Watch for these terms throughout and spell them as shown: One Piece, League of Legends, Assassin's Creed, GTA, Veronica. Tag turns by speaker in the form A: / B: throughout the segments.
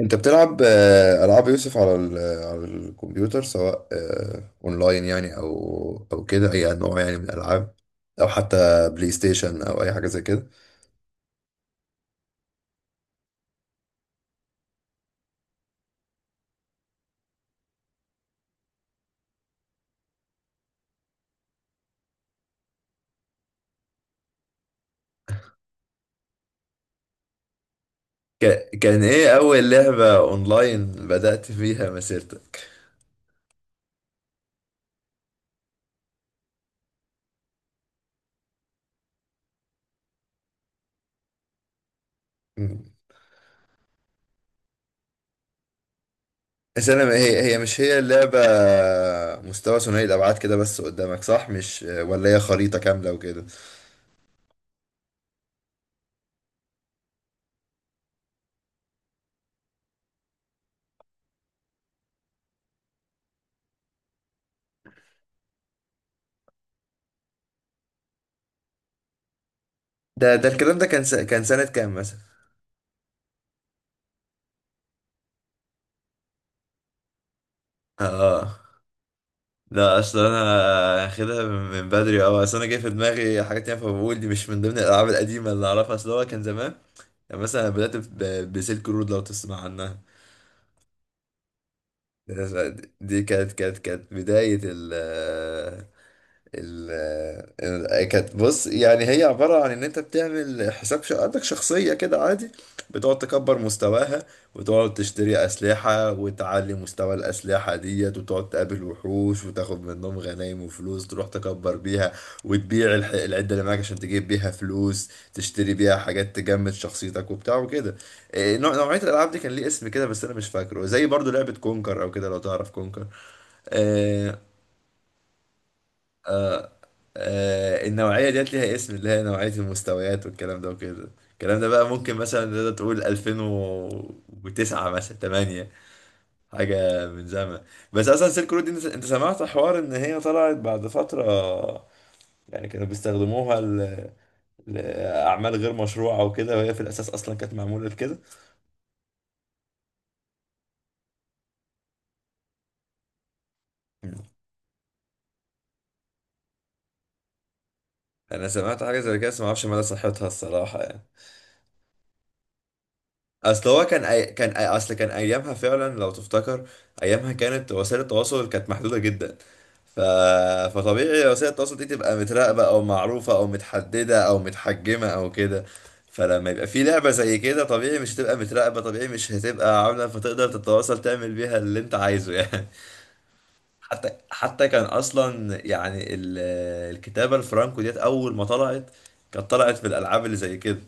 A: انت بتلعب العاب يوسف على على الكمبيوتر سواء اونلاين يعني او كده اي نوع يعني من الالعاب او حتى بلاي ستيشن او اي حاجه زي كده. كان ايه اول لعبه اونلاين بدأت فيها مسيرتك؟ مم. بس انا هي هي مش هي اللعبه، مستوى ثنائي الابعاد كده بس قدامك، صح؟ مش ولا هي خريطه كامله وكده؟ ده الكلام ده كان كان سنه كام مثلا؟ اه لا، اصل انا هاخدها من بدري اوي، اصل انا جاي في دماغي حاجات تانية، فبقول دي مش من ضمن الالعاب القديمه اللي اعرفها. اصل هو كان زمان يعني مثلا بدات بسلك رود، لو تسمع عنها. دي كانت بدايه ال، كانت بص، يعني هي عبارة عن إن أنت بتعمل حساب عندك شخصية كده عادي، بتقعد تكبر مستواها، وتقعد تشتري أسلحة وتعلي مستوى الأسلحة ديت، وتقعد تقابل وحوش وتاخد منهم غنايم وفلوس تروح تكبر بيها، وتبيع العدة اللي معاك عشان تجيب بيها فلوس تشتري بيها حاجات تجمد شخصيتك وبتاع وكده. إيه، نوعية الألعاب دي كان ليه اسم كده بس أنا مش فاكره، زي برضو لعبة كونكر أو كده، لو تعرف كونكر. آه، النوعية ديت ليها اسم، اللي هي نوعية المستويات والكلام ده وكده. الكلام ده بقى ممكن مثلا تقدر تقول 2009 مثلا 8، حاجة من زمان. بس أصلا سيلك رود دي أنت سمعت حوار إن هي طلعت بعد فترة يعني كانوا بيستخدموها لأعمال غير مشروعة وكده، وهي في الأساس أصلا كانت معمولة لكده. مم. أنا سمعت حاجة زي كده بس معرفش مدى صحتها الصراحة يعني. اصل هو كان اصل كان ايامها فعلا لو تفتكر، ايامها كانت وسائل التواصل كانت محدوده جدا، ف... فطبيعي وسائل التواصل دي تبقى متراقبه او معروفه او متحدده او متحجمه او كده. فلما يبقى في لعبه زي كده طبيعي مش هتبقى متراقبه، طبيعي مش هتبقى عامله، فتقدر تتواصل تعمل بيها اللي انت عايزه يعني. حتى كان اصلا يعني الكتابه الفرانكو ديت اول ما طلعت، كانت طلعت في الالعاب اللي زي كده،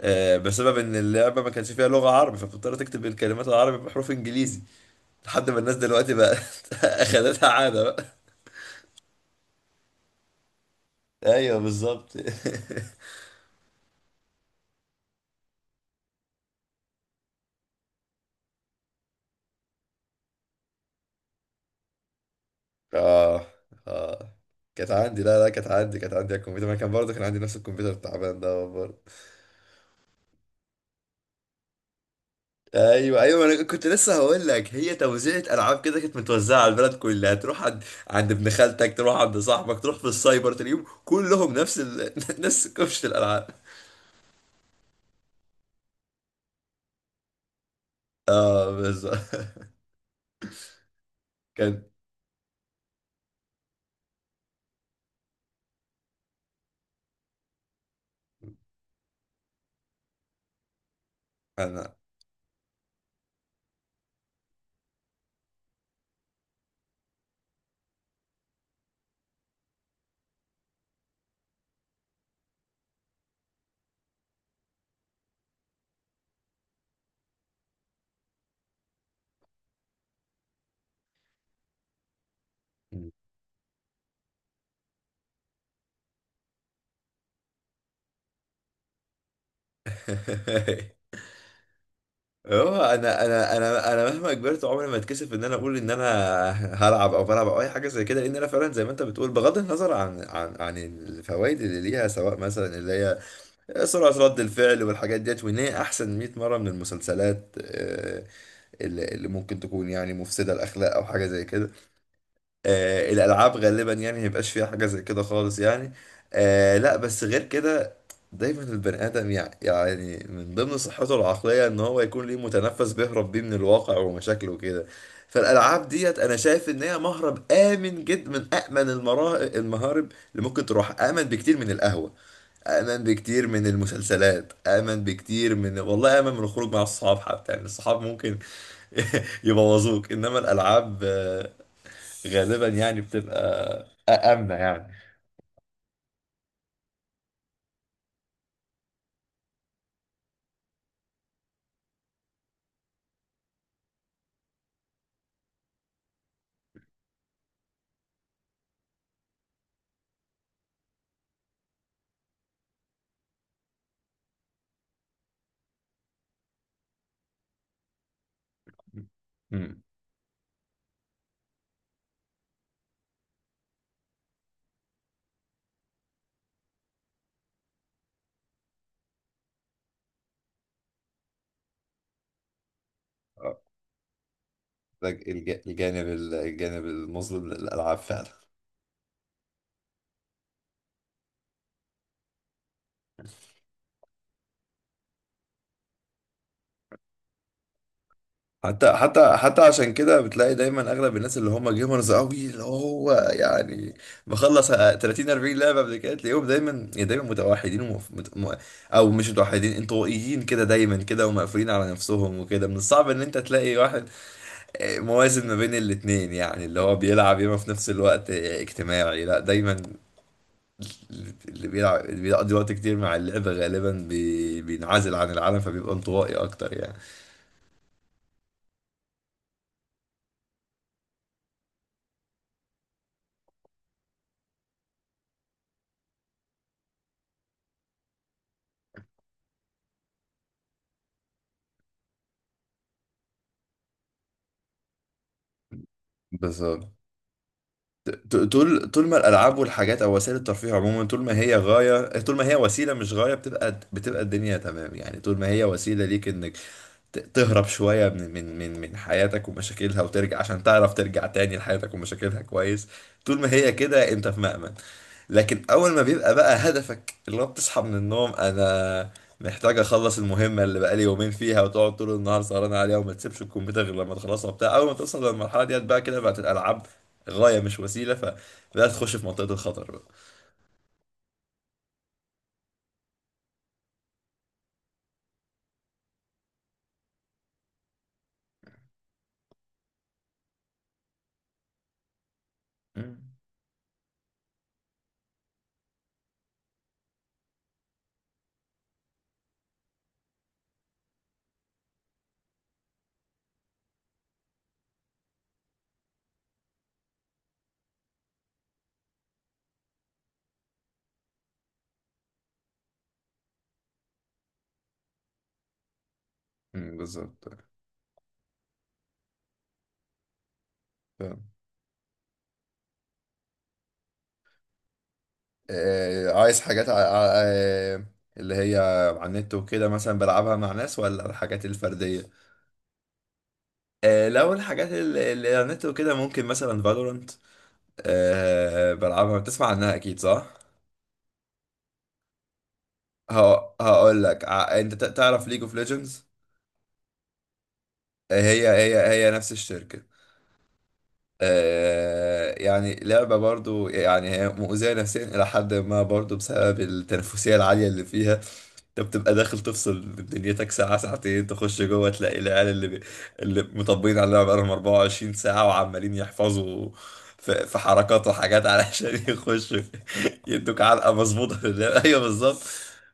A: بسبب ان اللعبه ما كانش فيها لغه عربي فبتضطر تكتب الكلمات العربي بحروف انجليزي لحد ما الناس دلوقتي بقى اخدتها عاده بقى. ايوه بالظبط. اه. اه، كانت عندي، لا كانت عندي، كانت عندي على الكمبيوتر، ما أنا كان برضه كان عندي نفس الكمبيوتر التعبان ده برضه. ايوه ايوه، انا كنت لسه هقول لك هي توزيعة العاب كده كانت متوزعه على البلد كلها، تروح عند عند ابن خالتك، تروح عند صاحبك، تروح في السايبر تلاقيهم كلهم نفس نفس كفشه الالعاب. اه بالظبط. كان انا. مم. هو انا مهما كبرت عمري ما اتكسف ان انا اقول ان انا هلعب او بلعب او اي حاجه زي كده، لان انا فعلا زي ما انت بتقول بغض النظر عن عن الفوائد اللي ليها، سواء مثلا اللي هي سرعه رد الفعل والحاجات ديت، وان هي احسن 100 مره من المسلسلات، اللي ممكن تكون يعني مفسده الاخلاق او حاجه زي كده. آه الالعاب غالبا يعني ميبقاش فيها حاجه زي كده خالص يعني. آه لا، بس غير كده دايما البني ادم يعني من ضمن صحته العقليه ان هو يكون ليه متنفس بيهرب بيه من الواقع ومشاكله وكده. فالالعاب ديت انا شايف ان هي مهرب امن جدا، من امن المهارب اللي ممكن تروح، امن بكتير من القهوه، امن بكتير من المسلسلات، امن بكتير من، والله امن من الخروج مع الصحاب حتى يعني، الصحاب ممكن يبوظوك، انما الالعاب غالبا يعني بتبقى آمنة يعني. مم. آه، ده الجانب الجانب المظلم للألعاب فعلا. حتى عشان كده بتلاقي دايما اغلب الناس اللي هم جيمرز قوي، اللي هو يعني مخلص 30 40 لعبه قبل كده، تلاقيهم دايما يعني دايما متوحدين او مش متوحدين، انطوائيين كده دايما كده، ومقفولين على نفسهم وكده. من الصعب ان انت تلاقي واحد موازن ما بين الاتنين، يعني اللي هو بيلعب ياما في نفس الوقت اجتماعي، لا دايما اللي بيلعب اللي بيقضي وقت كتير مع اللعبة غالبا بينعزل عن العالم فبيبقى انطوائي أكتر يعني. بالظبط. طول ما الألعاب والحاجات أو وسائل الترفيه عموما، طول ما هي غاية، طول ما هي وسيلة مش غاية، بتبقى الدنيا تمام يعني، طول ما هي وسيلة ليك إنك تهرب شوية من حياتك ومشاكلها وترجع عشان تعرف ترجع تاني لحياتك ومشاكلها كويس، طول ما هي كده أنت في مأمن. لكن اول ما بيبقى بقى هدفك اللي هو بتصحى من النوم، انا محتاج اخلص المهمه اللي بقالي يومين فيها وتقعد طول النهار سهران عليها وما تسيبش الكمبيوتر غير لما تخلصها وبتاع، اول ما توصل للمرحله ديت بقى كده بقت الالعاب غايه مش وسيله، فبدات تخش في منطقه الخطر بقى. مم. مم، بالظبط. فاهم. آه، عايز حاجات اللي هي على النت وكده مثلا بلعبها مع ناس، ولا الحاجات الفرديه؟ آه، لو الحاجات اللي اللي على النت وكده ممكن مثلا فالورانت، بلعبها؟ بتسمع عنها اكيد، صح؟ هقول لك انت تعرف ليج اوف ليجندز؟ هي نفس الشركة. آه، يعني لعبة برضو، يعني هي مؤذية نفسيا إلى حد ما برضو بسبب التنافسية العالية اللي فيها. أنت بتبقى داخل تفصل من دنيتك ساعة ساعتين، تخش جوه تلاقي العيال اللي اللي مطبقين على اللعبة بقالهم 24 ساعة وعمالين يحفظوا في حركات وحاجات علشان يخشوا يدوك علقة مظبوطة في اللعبة. أيوه بالظبط.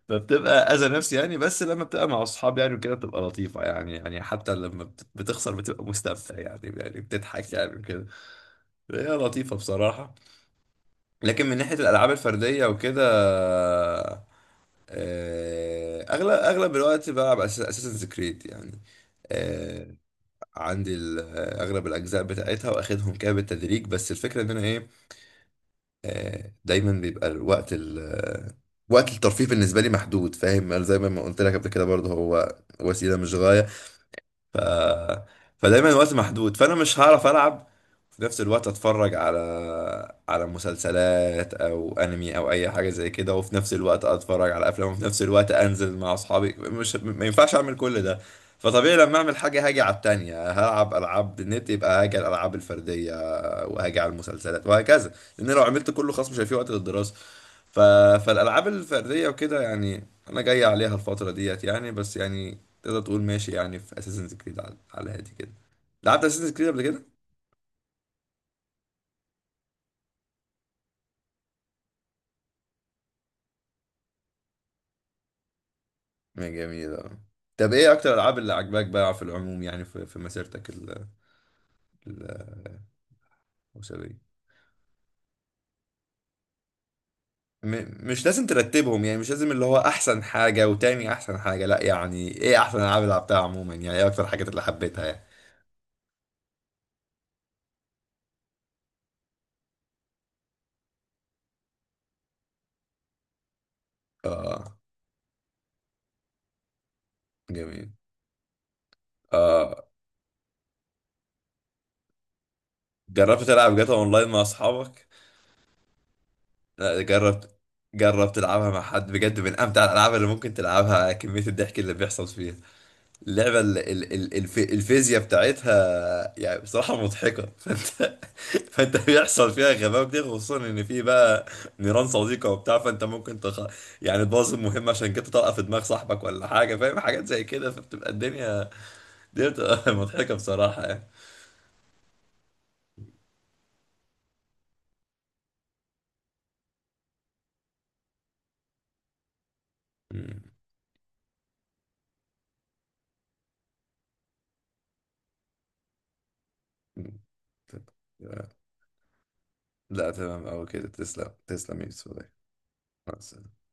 A: فبتبقى أذى نفسي يعني، بس لما بتبقى مع أصحاب يعني وكده بتبقى لطيفة يعني، يعني حتى لما بتخسر بتبقى مستمتع يعني، يعني بتضحك يعني وكده. هي لطيفة بصراحة. لكن من ناحية الألعاب الفردية وكده، أغلب الوقت بلعب أساسنز كريد يعني. آه، عندي أغلب الأجزاء بتاعتها وأخدهم كده بالتدريج، بس الفكرة إن أنا إيه، دايما بيبقى الوقت ال آه، وقت الترفيه بالنسبة لي محدود، فاهم؟ أنا زي ما قلت لك قبل كده برضه هو وسيلة مش غاية، فدايما الوقت محدود، فانا مش هعرف العب وفي نفس الوقت اتفرج على على مسلسلات او انمي او اي حاجه زي كده، وفي نفس الوقت اتفرج على افلام، وفي نفس الوقت انزل مع اصحابي، مش ما ينفعش اعمل كل ده. فطبيعي لما اعمل حاجه هاجي على التانية، هلعب العاب نت يبقى هاجي على الالعاب الفرديه وهاجي على المسلسلات وهكذا، لان لو عملت كله خلاص مش هيبقى في وقت للدراسه. ف... فالالعاب الفرديه وكده يعني انا جاي عليها الفتره ديت يعني، بس يعني تقدر تقول ماشي يعني في اساسنز كريد على على هادي كده. لعبت اساسن كريد قبل كده؟ جميل اه. طب ايه اكتر الالعاب اللي عجباك بقى في العموم يعني في مسيرتك الاسريه؟ مش لازم ترتبهم يعني، مش لازم اللي هو احسن حاجه وتاني احسن حاجه، لا يعني ايه احسن العاب اللي لعبتها عموما، يعني ايه اكتر الحاجات اللي حبيتها يعني. اه جميل اه. جربت تلعب جاتا اونلاين مع اصحابك؟ لا جربت، جربت تلعبها مع حد بجد، من امتع الالعاب اللي ممكن تلعبها. كميه الضحك اللي بيحصل فيها، اللعبة الفيزياء بتاعتها يعني بصراحة مضحكة. فانت، فانت بيحصل فيها غباء كتير، خصوصا ان في بقى نيران صديقة وبتاع، فانت ممكن يعني تبوظ المهمة عشان كده طلقة في دماغ صاحبك ولا حاجة، فاهم؟ حاجات زي كده، فبتبقى الدنيا دي بتبقى مضحكة بصراحة يعني. مم. مم. لا تمام أوي كده، تسلم تسلم يا يوسف والله. مع السلامة.